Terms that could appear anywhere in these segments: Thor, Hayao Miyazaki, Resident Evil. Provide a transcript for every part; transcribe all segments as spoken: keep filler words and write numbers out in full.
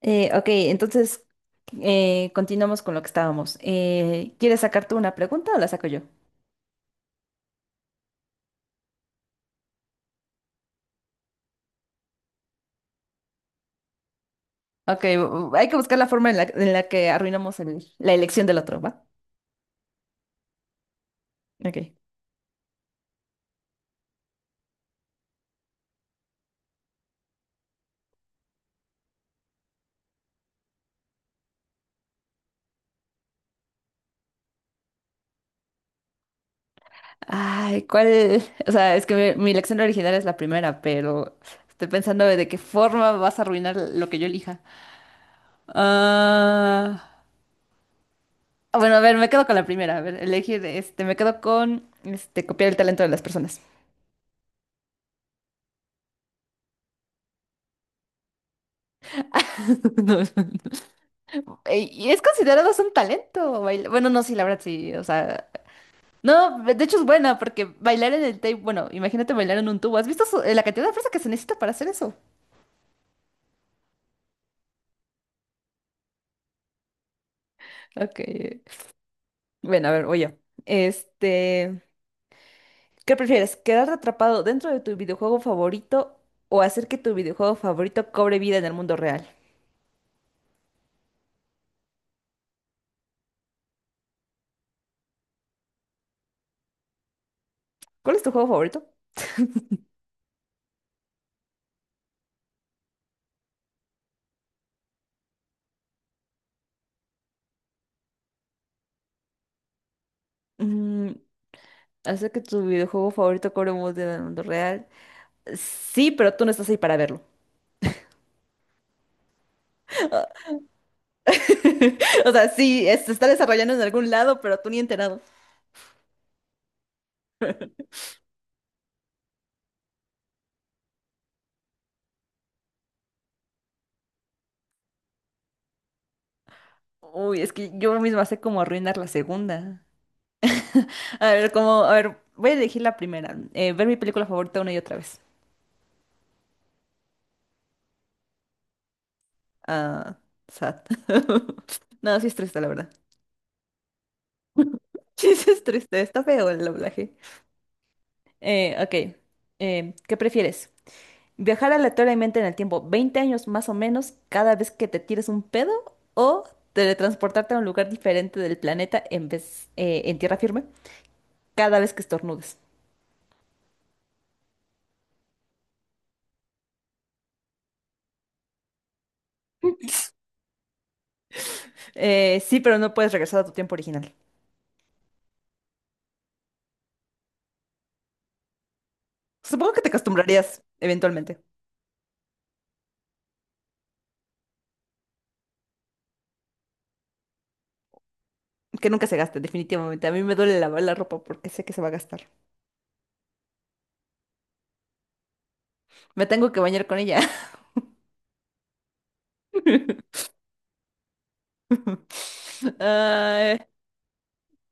Eh, ok, entonces eh, continuamos con lo que estábamos. Eh, ¿quieres sacar tú una pregunta o la saco yo? Ok, bu- hay que buscar la forma en la, en la que arruinamos el- la elección del otro, ¿va? Ok. Ay, ¿cuál? O sea, es que mi, mi elección original es la primera, pero estoy pensando de qué forma vas a arruinar lo que yo elija. Ah, ah, bueno, a ver, me quedo con la primera. A ver, elegir, este, me quedo con, este, copiar el talento de las personas. No. Ey, y es considerado hasta un talento bailar. Bueno, no, sí, la verdad sí, o sea, no, de hecho es buena porque bailar en el tape, bueno, imagínate bailar en un tubo. ¿Has visto su- eh, la cantidad de fuerza que se necesita para hacer eso? Ok. Bueno, a ver, voy yo. Este, ¿qué prefieres? ¿Quedarte atrapado dentro de tu videojuego favorito o hacer que tu videojuego favorito cobre vida en el mundo real? ¿Cuál es tu juego favorito? Mm, Hacer que tu videojuego favorito cobre vida en el mundo real. Sí, pero tú no estás ahí para verlo. O sea, sí, es- se está desarrollando en algún lado, pero tú ni enterado. Uy, es que yo misma sé cómo arruinar la segunda. A ver, cómo, a ver, voy a elegir la primera. Eh, ver mi película favorita una y otra vez. Ah, sad. No, sí es triste, la verdad. Sí, sí es triste, está feo el doblaje. Eh, ok, eh, ¿qué prefieres? ¿Viajar aleatoriamente en el tiempo veinte años más o menos cada vez que te tires un pedo? ¿O teletransportarte a un lugar diferente del planeta en vez, eh, en tierra firme? Cada vez que estornudes. Eh, sí, pero no puedes regresar a tu tiempo original. Supongo que te acostumbrarías eventualmente. Que nunca se gaste, definitivamente. A mí me duele lavar la ropa porque sé que se va a gastar. Me tengo que bañar con ella. Ay,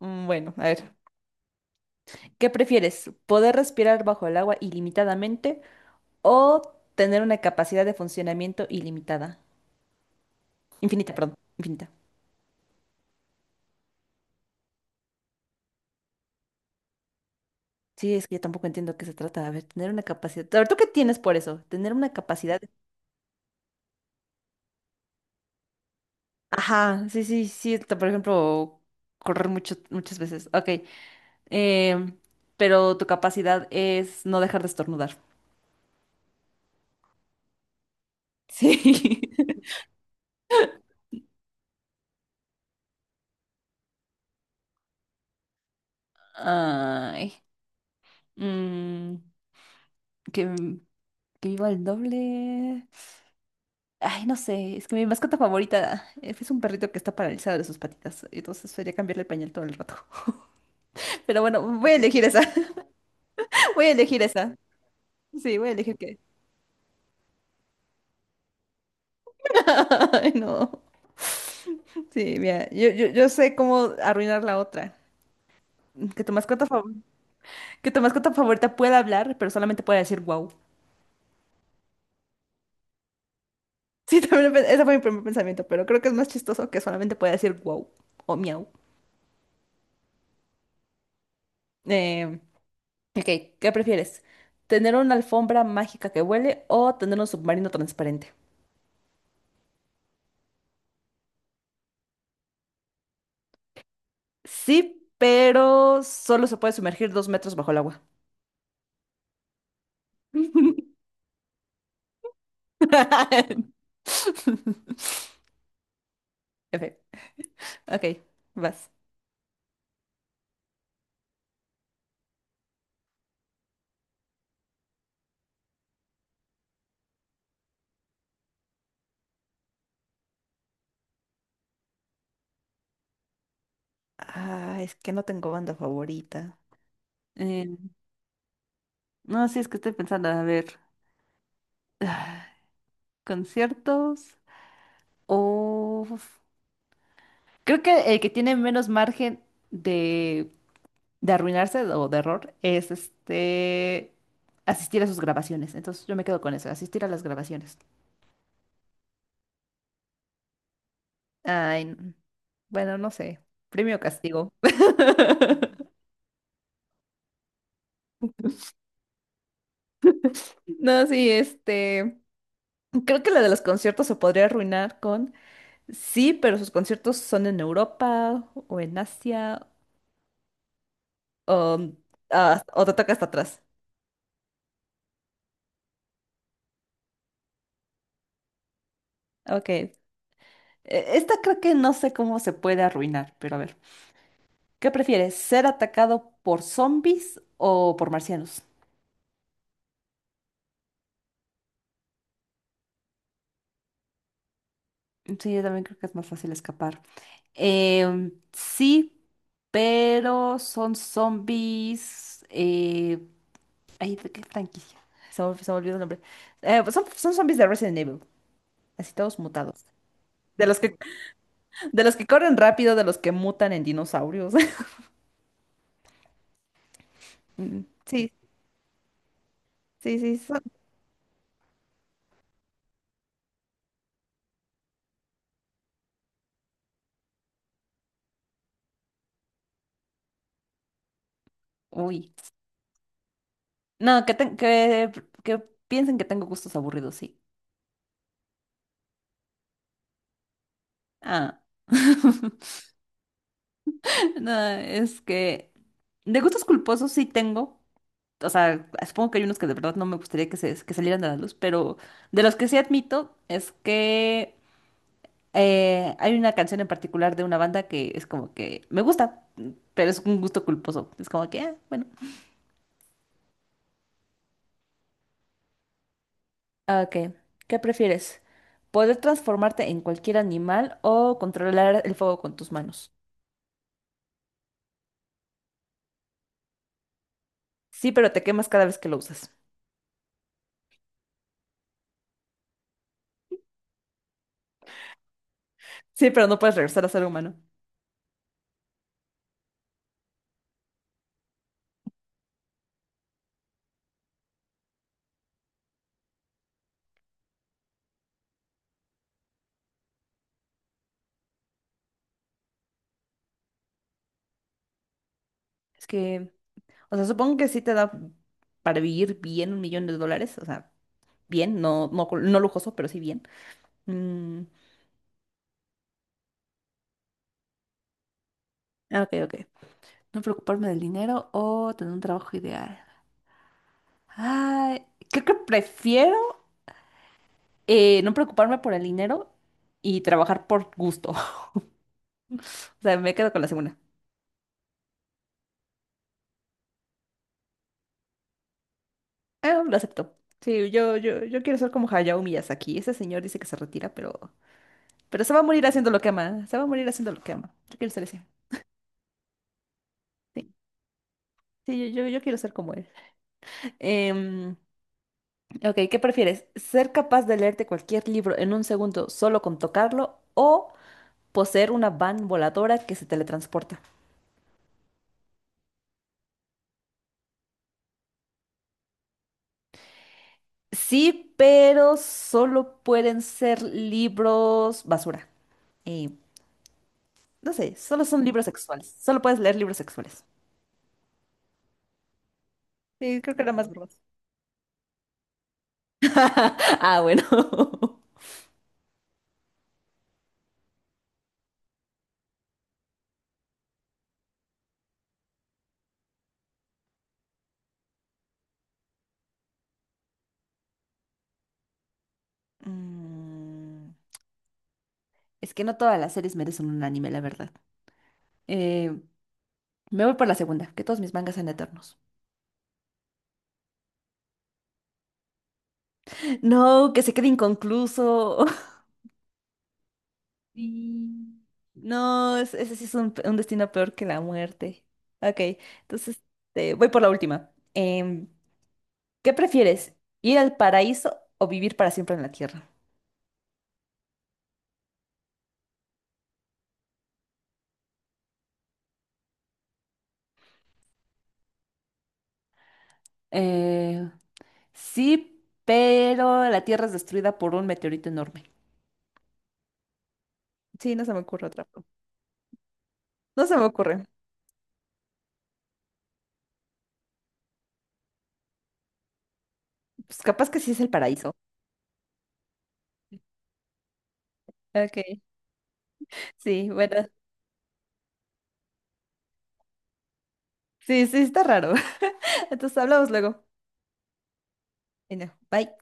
mm, bueno, a ver. ¿Qué prefieres? ¿Poder respirar bajo el agua ilimitadamente o tener una capacidad de funcionamiento ilimitada? Infinita, perdón, infinita. Sí, es que yo tampoco entiendo qué se trata. A ver, tener una capacidad. A ver, ¿tú qué tienes por eso? Tener una capacidad. Ajá, sí, sí, sí, t- por ejemplo, correr mucho, muchas veces. Ok, em, pero tu capacidad es no dejar de estornudar. Sí. Ay, mm, que, que viva el doble. Ay, no sé, es que mi mascota favorita eh, es un perrito que está paralizado de sus patitas, entonces sería cambiarle el pañal todo el rato. Pero bueno, voy a elegir esa, voy a elegir esa. Sí, voy a elegir que. Ay, no. Sí, mira, yo, yo, yo sé cómo arruinar la otra. Que tu mascota favorita, que tu mascota favorita pueda hablar, pero solamente pueda decir wow. Sí, también lo pe- ese fue mi primer pensamiento, pero creo que es más chistoso que solamente pueda decir wow o miau. Eh, ok, ¿qué prefieres? ¿Tener una alfombra mágica que huele o tener un submarino transparente? Sí, pero solo se puede sumergir dos metros bajo el agua. Ok, ok, vas. Ah, es que no tengo banda favorita. Eh, no, sí, es que estoy pensando, a ver. Conciertos o creo que el que tiene menos margen de, de arruinarse o de error es este asistir a sus grabaciones. Entonces yo me quedo con eso, asistir a las grabaciones. Ay, n- bueno, no sé, premio o castigo. No, sí, este, creo que la de los conciertos se podría arruinar con, sí, pero sus conciertos son en Europa o en Asia o, mm, ah, o te toca hasta atrás. Ok. Eh, Esta creo que no sé cómo se puede arruinar, pero a ver. ¿Qué prefieres? ¿Ser atacado por zombies o por marcianos? Sí, yo también creo que es más fácil escapar. Em, sí, pero son zombies. Eh, ay, ¿de qué franquicia? Se me, se me olvidó el nombre. Eh, pues son, son zombies de Resident Evil, así todos mutados. De los que, de los que corren rápido, de los que mutan en dinosaurios. Mm, sí, sí, sí. son- Uy. No, que, ten- que, que piensen que tengo gustos aburridos, sí. Ah. No, es que de gustos culposos sí tengo. O sea, supongo que hay unos que de verdad no me gustaría que, se, que salieran a la luz, pero de los que sí admito es que eh, hay una canción en particular de una banda que es como que me gusta, pero es un gusto culposo. Es como que, ah, bueno. Ok, ¿qué prefieres? ¿Poder transformarte en cualquier animal o controlar el fuego con tus manos? Sí, pero te quemas cada vez que lo usas. Sí, pero no puedes regresar a ser humano. Es que, o sea, supongo que sí te da para vivir bien un millón de dólares. O sea, bien, no, no, cul- no lujoso, pero sí bien. Mm, ah, ok, ok. No preocuparme del dinero o tener un trabajo ideal. Ay, creo que prefiero eh, no preocuparme por el dinero y trabajar por gusto. O sea, me quedo con la segunda. Ah, lo acepto. Sí, yo, yo, yo quiero ser como Hayao Miyazaki. Ese señor dice que se retira, pero Pero se va a morir haciendo lo que ama. Se va a morir haciendo lo que ama. Yo quiero ser ese. Sí, sí, yo, yo, yo quiero ser como él. Em, ok, ¿qué prefieres? ¿Ser capaz de leerte cualquier libro en un segundo solo con tocarlo o poseer una van voladora que se teletransporta? Sí, pero solo pueden ser libros basura. Y no sé, solo son libros sexuales. Solo puedes leer libros sexuales. Sí, creo que era más broad. Ah, bueno. Mm, Es que no todas las series merecen un anime, la verdad. Eh, Me voy por la segunda, que todos mis mangas sean eternos. No, que se quede inconcluso. Sí. No, es- ese sí es un, un destino peor que la muerte. Ok, entonces eh, voy por la última. Em, ¿qué prefieres? ¿Ir al paraíso o vivir para siempre en la tierra? Eh, sí, pero la tierra es destruida por un meteorito enorme. Sí, no se me ocurre otra. No se me ocurre. Pues capaz que sí es el paraíso. Ok. Sí, bueno, sí, sí, está raro. Entonces hablamos luego. Bueno, bye.